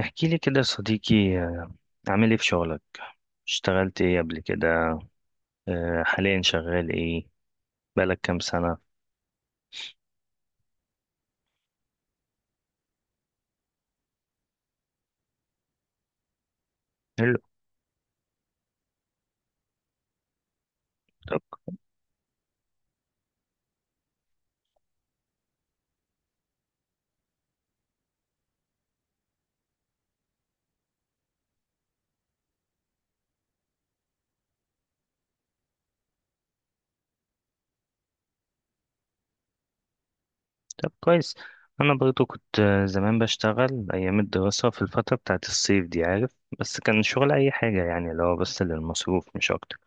احكي لي كده يا صديقي، عامل ايه في شغلك؟ اشتغلت ايه قبل كده؟ حاليا شغال ايه؟ بقالك كام سنة؟ حلو. طب، طب كويس. انا برضو كنت زمان بشتغل ايام الدراسة في الفترة بتاعت الصيف دي، عارف. بس كان شغل اي حاجة، يعني اللي هو بس للمصروف مش اكتر.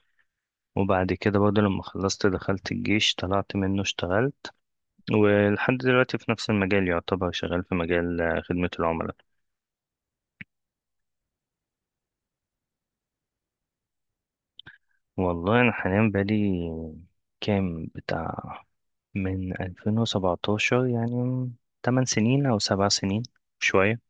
وبعد كده برضو لما خلصت دخلت الجيش، طلعت منه اشتغلت ولحد دلوقتي في نفس المجال. يعتبر شغال في مجال خدمة العملاء. والله انا حاليا بقالي، كام بتاع، من 2017 يعني. 8 سنين أو 7 سنين، شوية.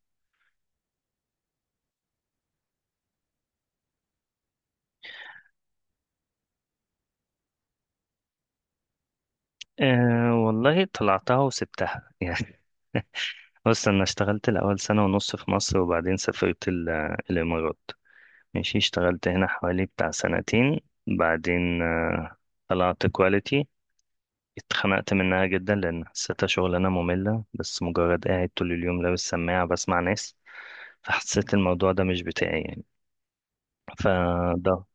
أه والله، طلعتها وسبتها يعني. بص، أنا اشتغلت الأول سنة ونص في مصر، وبعدين سافرت الإمارات. ماشي، اشتغلت هنا حوالي بتاع سنتين، بعدين طلعت كواليتي. اتخنقت منها جدا، لأن حسيتها شغلانة مملة، بس مجرد قاعد طول اليوم لابس سماعة بسمع ناس. فحسيت الموضوع ده مش بتاعي يعني. فده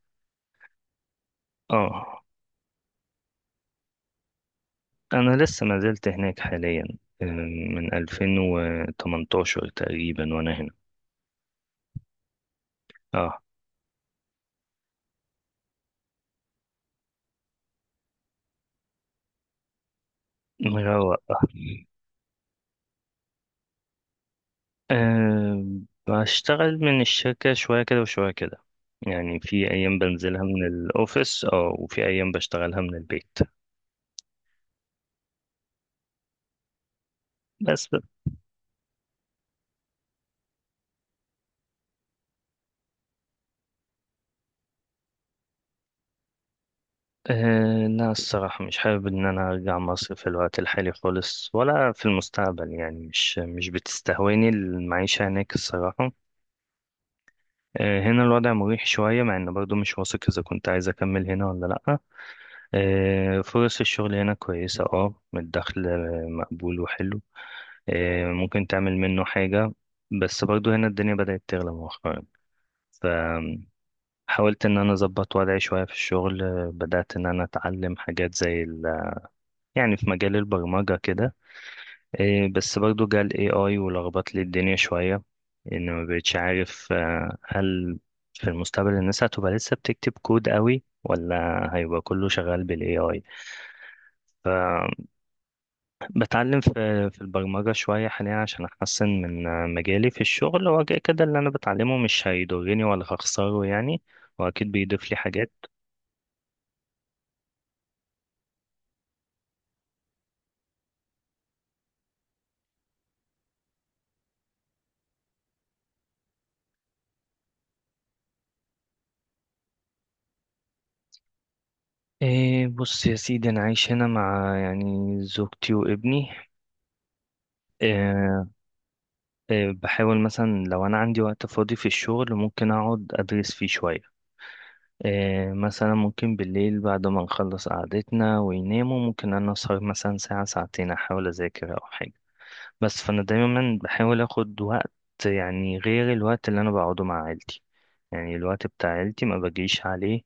اه. أنا لسه ما زلت هناك حاليا. آه، من 2018 تقريبا وأنا هنا. اه، مروق آه. أه، بشتغل من الشركة شوية كده وشوية كده. يعني في أيام بنزلها من الأوفيس، اه، وفي أيام بشتغلها من البيت. بس أه، لا، الصراحة مش حابب إن أنا أرجع مصر في الوقت الحالي خالص ولا في المستقبل. يعني مش بتستهويني المعيشة هناك الصراحة. هنا الوضع مريح شوية، مع إن برضو مش واثق إذا كنت عايز أكمل هنا ولا لأ. فرص الشغل هنا كويسة، اه، الدخل مقبول وحلو. ممكن تعمل منه حاجة. بس برضو هنا الدنيا بدأت تغلى مؤخرا. فحاولت إن أنا أظبط وضعي شوية في الشغل. بدأت إن أنا أتعلم حاجات زي يعني في مجال البرمجة كده. إيه، بس برضو جه ال AI ولخبط لي الدنيا شوية. إن ما بقتش عارف هل في المستقبل الناس هتبقى لسه بتكتب كود قوي، ولا هيبقى كله شغال بال AI. فبتعلم في البرمجة شوية حاليا، عشان أحسن من مجالي في الشغل. هو كده كده اللي أنا بتعلمه مش هيضرني ولا هخسره يعني، وأكيد بيضيف لي حاجات. إيه، بص يا سيدي، أنا عايش هنا مع، يعني، زوجتي وابني. بحاول مثلا لو أنا عندي وقت فاضي في الشغل ممكن أقعد أدرس فيه شوية. مثلا ممكن بالليل بعد ما نخلص قعدتنا ويناموا ممكن أنا أسهر مثلا ساعة ساعتين، أحاول أذاكر أو حاجة. بس فأنا دايما بحاول أخد وقت، يعني غير الوقت اللي أنا بقعده مع عيلتي. يعني الوقت بتاع عيلتي ما بجيش عليه.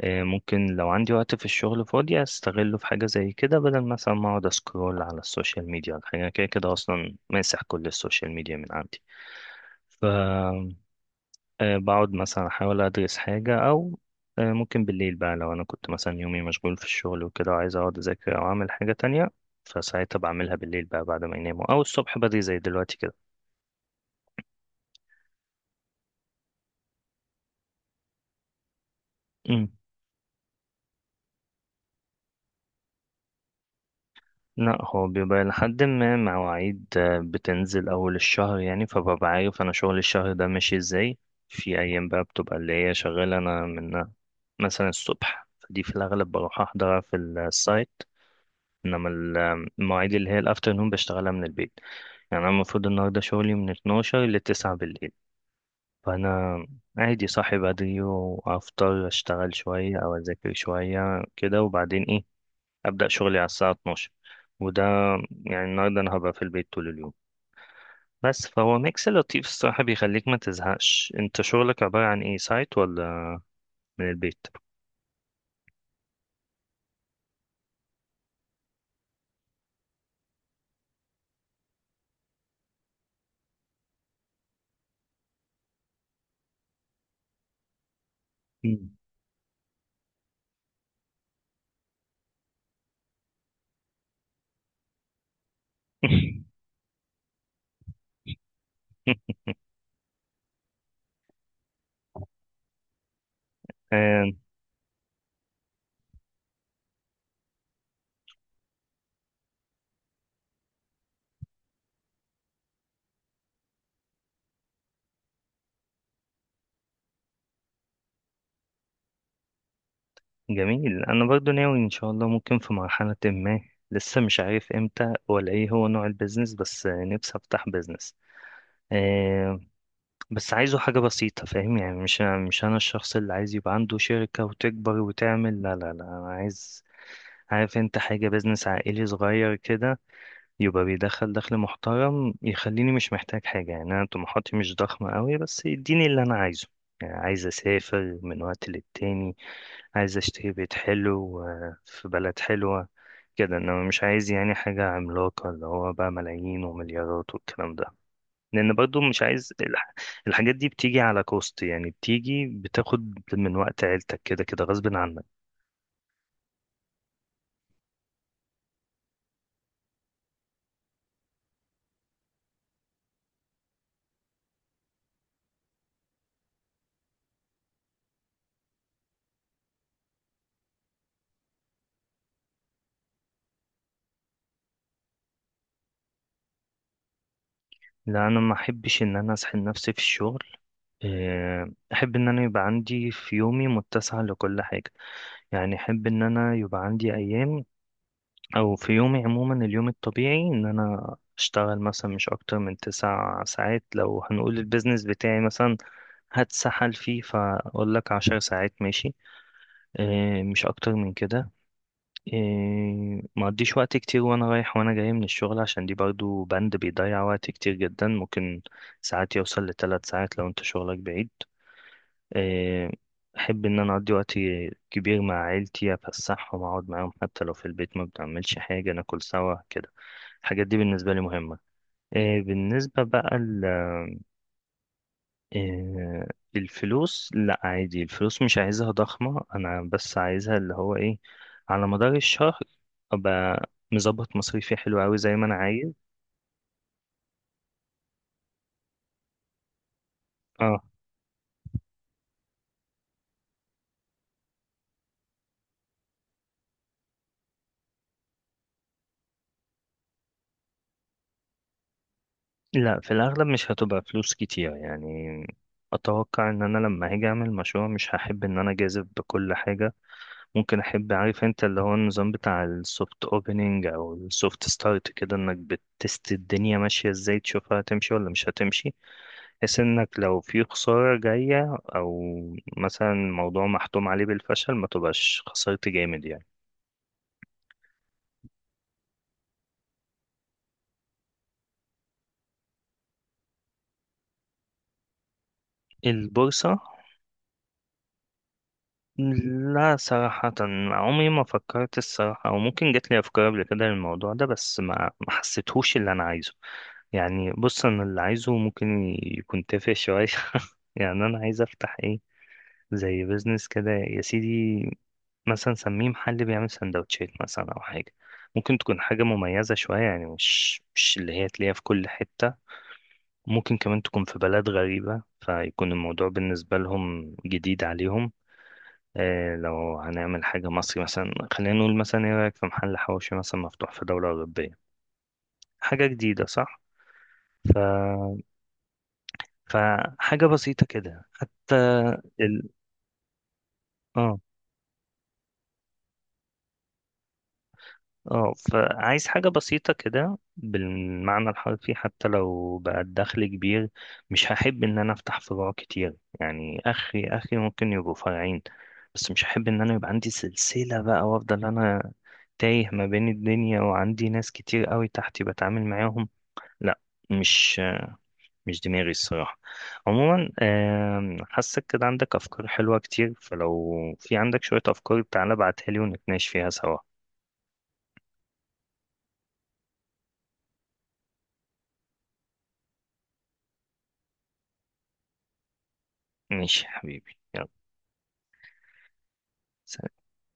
ممكن لو عندي وقت في الشغل فاضي أستغله في حاجة زي كده، بدل مثلا ما أقعد أسكرول على السوشيال ميديا ولا حاجة. أنا كده كده أصلا ماسح كل السوشيال ميديا من عندي. ف بقعد مثلا أحاول أدرس حاجة، أو ممكن بالليل بقى لو أنا كنت مثلا يومي مشغول في الشغل وكده وعايز أقعد أذاكر أو أعمل حاجة تانية، فساعتها بعملها بالليل بقى بعد ما يناموا، أو الصبح بدري زي دلوقتي كده. مم. لا، هو بيبقى لحد ما مواعيد بتنزل أول الشهر، يعني فببقى عارف أنا شغل الشهر ده ماشي إزاي. في أيام بقى بتبقى اللي هي شغالة أنا من مثلا الصبح، فدي في الأغلب بروح أحضرها في السايت. انما المواعيد اللي هي الافتر نون بشتغلها من البيت. يعني انا المفروض النهارده شغلي من 12 ل 9 بالليل. فانا عادي، صاحي بدري وافطر، اشتغل شويه او اذاكر شويه كده، وبعدين ايه، ابدا شغلي على الساعه 12. وده يعني النهارده انا هبقى في البيت طول اليوم. بس فهو ميكس لطيف الصراحه، بيخليك ما تزهقش. انت شغلك عباره عن ايه، سايت ولا من البيت؟ مم. جميل. انا برضو ناوي ان شاء الله ممكن في مرحلة ما، لسه مش عارف امتى ولا ايه هو نوع البيزنس، بس نفسي افتح بيزنس. آه بس عايزه حاجة بسيطة، فاهم يعني؟ مش انا الشخص اللي عايز يبقى عنده شركة وتكبر وتعمل، لا لا لا، انا عايز، عارف انت حاجة، بيزنس عائلي صغير كده، يبقى بيدخل دخل محترم يخليني مش محتاج حاجة. يعني انا طموحاتي مش ضخمة قوي، بس يديني اللي انا عايزه. يعني عايز اسافر من وقت للتاني، عايز اشتري بيت حلو في بلد حلوة كده. انما مش عايز يعني حاجة عملاقة اللي هو بقى ملايين ومليارات والكلام ده، لان برضو مش عايز الحاجات دي بتيجي على كوست. يعني بتيجي بتاخد من وقت عيلتك كده كده غصب عنك. لا، انا ما احبش ان انا اسحل نفسي في الشغل. احب ان انا يبقى عندي في يومي متسع لكل حاجة. يعني احب ان انا يبقى عندي ايام، او في يومي عموما، اليوم الطبيعي ان انا اشتغل مثلا مش اكتر من 9 ساعات. لو هنقول البيزنس بتاعي مثلا هتسحل فيه، فاقول لك 10 ساعات ماشي، اه، مش اكتر من كده. اه، ما اقضيش وقت كتير وانا رايح وانا جاي من الشغل، عشان دي برضو بند بيضيع وقت كتير جدا، ممكن ساعات يوصل لثلاث ساعات لو انت شغلك بعيد. آه، أحب إن أنا أقضي وقت كبير مع عيلتي، أفسحهم، أقعد معاهم، حتى لو في البيت ما بنعملش حاجة ناكل سوا كده. الحاجات دي بالنسبة لي مهمة. بالنسبة بقى آه، الفلوس، لا عادي، الفلوس مش عايزها ضخمة، أنا بس عايزها اللي هو إيه، على مدار الشهر أبقى مظبط مصاريفي حلو أوي زي ما أنا عايز. اه لا، في الأغلب مش هتبقى فلوس كتير يعني. أتوقع إن أنا لما هاجي أعمل مشروع مش هحب إن أنا أجازف بكل حاجة. ممكن احب، عارف انت، اللي هو النظام بتاع السوفت اوبننج او السوفت ستارت كده، انك بتست الدنيا ماشيه ازاي، تشوفها هتمشي ولا مش هتمشي. بحيث انك لو في خساره جايه، او مثلا موضوع محتوم عليه بالفشل، ما تبقاش خسرت جامد يعني. البورصه؟ لا، صراحة عمري ما فكرت الصراحة، أو ممكن جات لي أفكار قبل كده للموضوع ده، بس ما حسيتهوش اللي أنا عايزه. يعني بص، أنا اللي عايزه ممكن يكون تافه شوية يعني. أنا عايز أفتح إيه؟ زي بيزنس كده يا سيدي، مثلا سميه محل بيعمل سندوتشات مثلا او حاجه، ممكن تكون حاجه مميزه شويه، يعني مش اللي هي تلاقيها في كل حته. ممكن كمان تكون في بلد غريبه فيكون الموضوع بالنسبه لهم جديد عليهم. لو هنعمل حاجه مصري مثلا، خلينا نقول مثلا، ايه رايك في محل حواوشي مثلا مفتوح في دوله اوروبيه؟ حاجه جديده، صح؟ ف... فحاجه بسيطه كده حتى. ال... اه، اه، فعايز حاجة بسيطة كده بالمعنى الحرفي، حتى لو بقى الدخل كبير. مش هحب ان انا افتح فروع كتير يعني، اخري اخري، ممكن يبقوا فرعين، بس مش هحب ان انا يبقى عندي سلسلة بقى، وافضل انا تايه ما بين الدنيا وعندي ناس كتير قوي تحتي بتعامل معاهم. لا، مش مش دماغي الصراحة. عموما، حاسك كده عندك افكار حلوة كتير، فلو في عندك شوية افكار تعالى ابعتها لي ونتناقش فيها سوا. ماشي يا حبيبي، يلا، سلام.